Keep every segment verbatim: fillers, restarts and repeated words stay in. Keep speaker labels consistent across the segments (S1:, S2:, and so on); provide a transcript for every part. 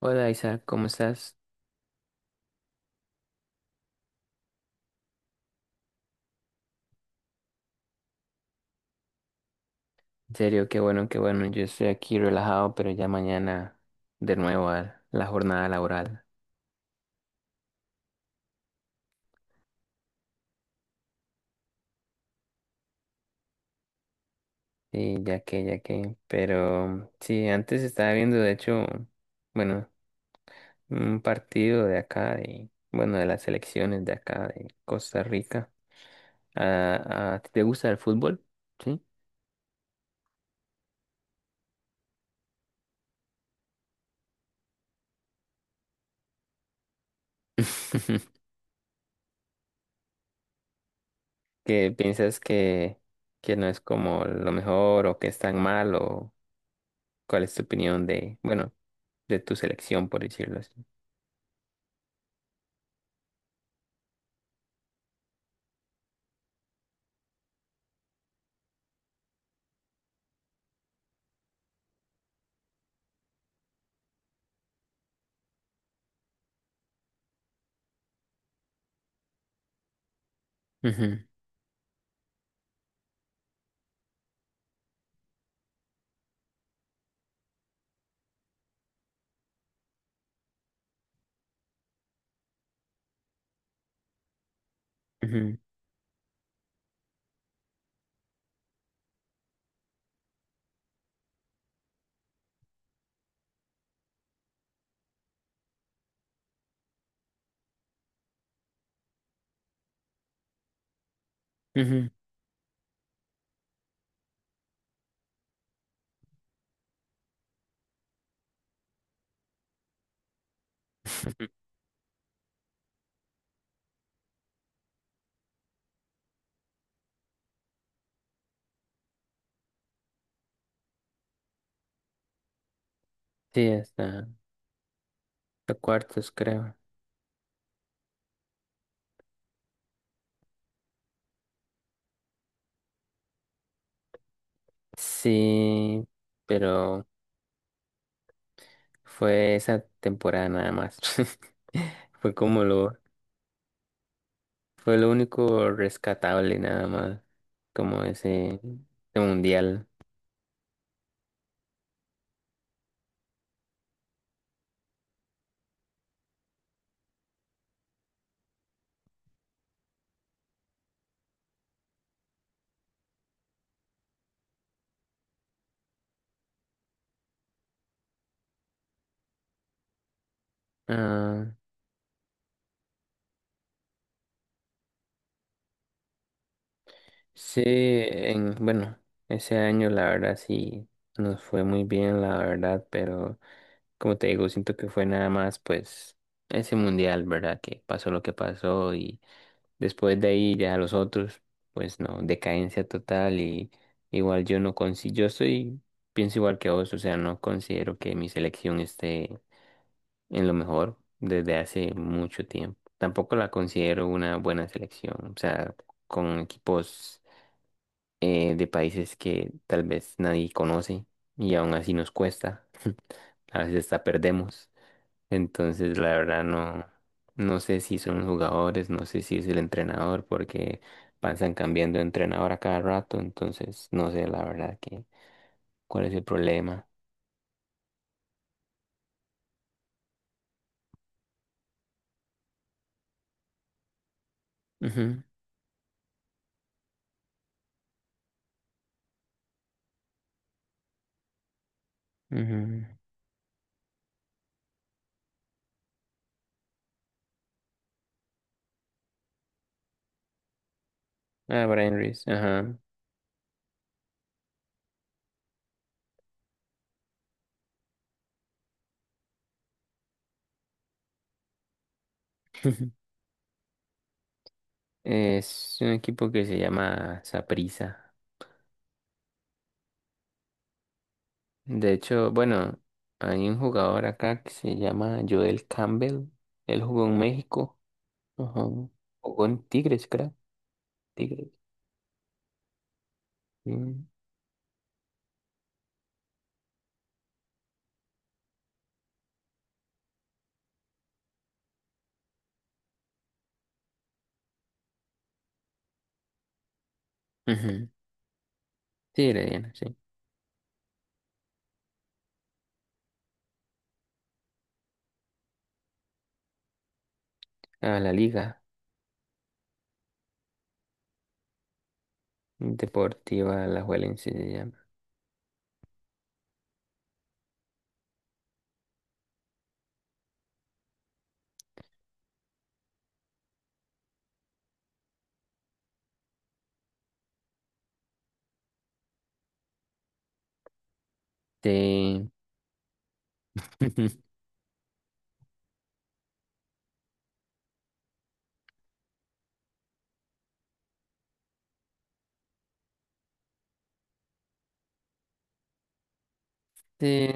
S1: Hola Isa, ¿cómo estás? En serio, qué bueno, qué bueno. Yo estoy aquí relajado, pero ya mañana de nuevo a la jornada laboral. Sí, ya que, ya que. Pero sí, antes estaba viendo, de hecho, bueno, un partido de acá, de, bueno, de las selecciones de acá, de Costa Rica. ¿A, a ti te gusta el fútbol? ¿Sí? ¿Qué piensas que, que no es como lo mejor o que es tan mal o cuál es tu opinión de, bueno? De tu selección, por decirlo así. Ujú, ujú, ujú. Sí, hasta hasta cuartos, creo. Sí, pero fue esa temporada nada más. Fue como lo, fue lo único rescatable nada más, como ese, ese mundial. Ah, sí, en, bueno, ese año la verdad sí nos fue muy bien, la verdad, pero como te digo, siento que fue nada más pues ese mundial, ¿verdad? Que pasó lo que pasó y después de ahí ya los otros, pues no, decadencia total. Y igual yo no consigo, yo soy, pienso igual que vos, o sea, no considero que mi selección esté en lo mejor desde hace mucho tiempo. Tampoco la considero una buena selección, o sea, con equipos eh, de países que tal vez nadie conoce y aún así nos cuesta, a veces hasta perdemos. Entonces, la verdad no, no sé si son los jugadores, no sé si es el entrenador, porque pasan cambiando de entrenador a cada rato, entonces no sé la verdad que cuál es el problema. Ujú, ujú. Ah, Brian Reese, ajá. Es un equipo que se llama Saprissa. De hecho, bueno, hay un jugador acá que se llama Joel Campbell. Él jugó en México. Ajá. Jugó en Tigres, creo. Tigres. Mm. Ujú. Tigre, Diana, sí. A la Liga Deportiva Alajuelense se llama. Sí, sí,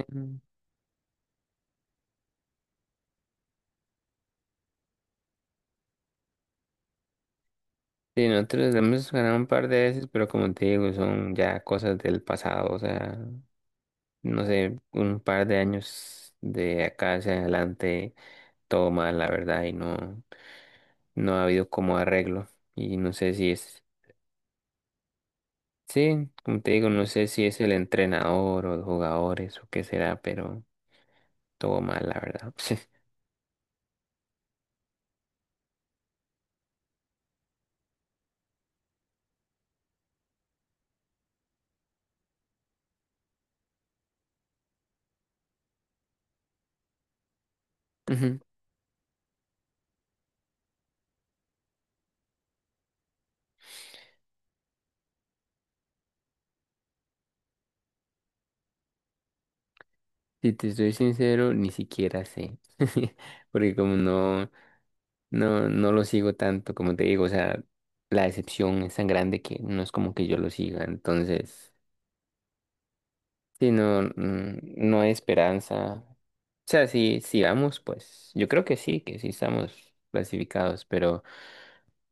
S1: sí, nosotros hemos ganado un par de veces, pero como te digo, son ya cosas del pasado, o sea, no sé, un par de años de acá hacia adelante, todo mal, la verdad, y no, no ha habido como arreglo, y no sé si es, sí, como te digo, no sé si es el entrenador o los jugadores o qué será, pero todo mal, la verdad. Ujú. Si te estoy sincero, ni siquiera sé. Porque como no, no, no lo sigo tanto, como te digo, o sea, la decepción es tan grande que no es como que yo lo siga. Entonces, si no, mm, no hay esperanza. O sea, si, si vamos, pues, yo creo que sí, que sí estamos clasificados, pero,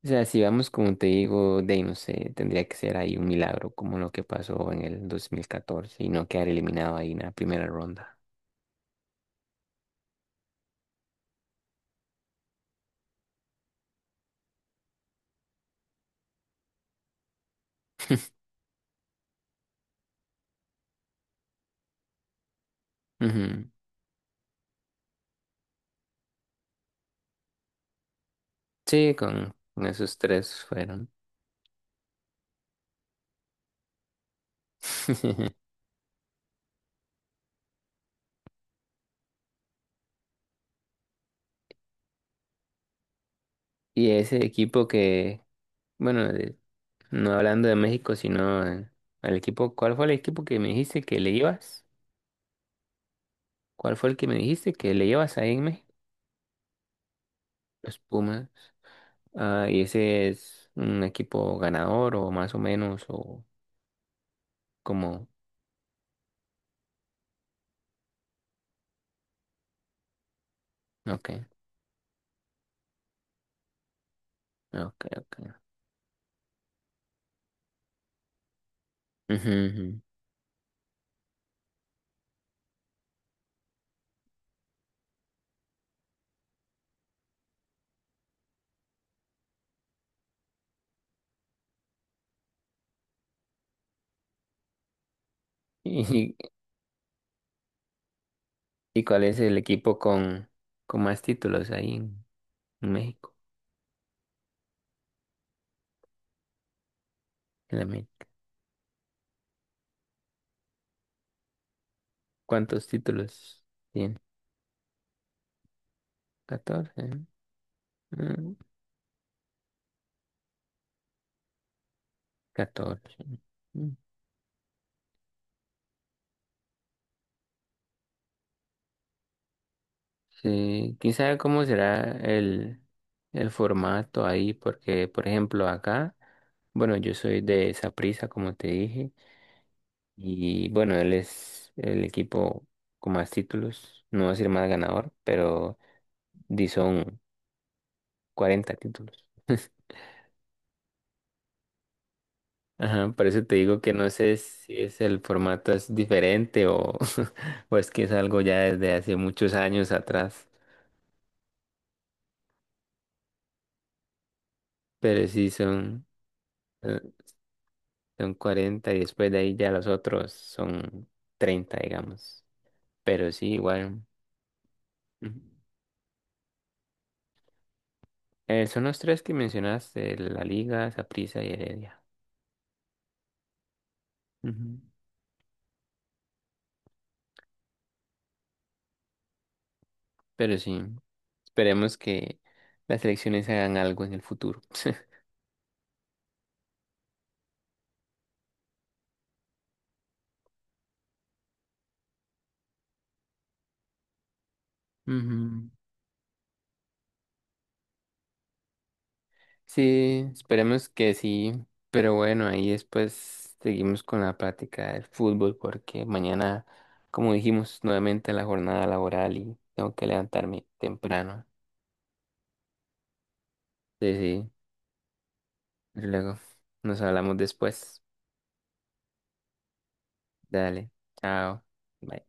S1: o sea, si vamos, como te digo, de ahí no sé, tendría que ser ahí un milagro, como lo que pasó en el dos mil catorce, y no quedar eliminado ahí en la primera ronda. Sí, con, con esos tres fueron. Y ese equipo que, bueno, de- no hablando de México, sino eh, el equipo, ¿cuál fue el equipo que me dijiste que le ibas? ¿Cuál fue el que me dijiste que le ibas ahí en México? Los Pumas. Ah, ¿y ese es un equipo ganador o más o menos o como? Ok, ok, ok. Ujú, ujú. ¿Y, y cuál es el equipo con, con más títulos ahí en, en México? En la América. ¿Cuántos títulos tiene? Catorce. Mm, catorce. Mm. Sí, quién sabe cómo será el, el formato ahí, porque, por ejemplo, acá, bueno, yo soy de Saprissa, como te dije, y bueno, él es el equipo con más títulos, no voy a decir más ganador, pero di son cuarenta títulos. Ajá, por eso te digo que no sé si es el formato es diferente o, o es que es algo ya desde hace muchos años atrás, pero sí son, eh, son cuarenta y después de ahí ya los otros son treinta, digamos, pero sí igual. Ujú. Eh, son los tres que mencionaste, la Liga, Saprissa y Heredia. Ujú. Pero sí, esperemos que las elecciones hagan algo en el futuro. Ujú. Sí, esperemos que sí, pero bueno, ahí después seguimos con la práctica del fútbol porque mañana, como dijimos, nuevamente la jornada laboral y tengo que levantarme temprano. Sí, sí, luego nos hablamos después. Dale, chao. Bye.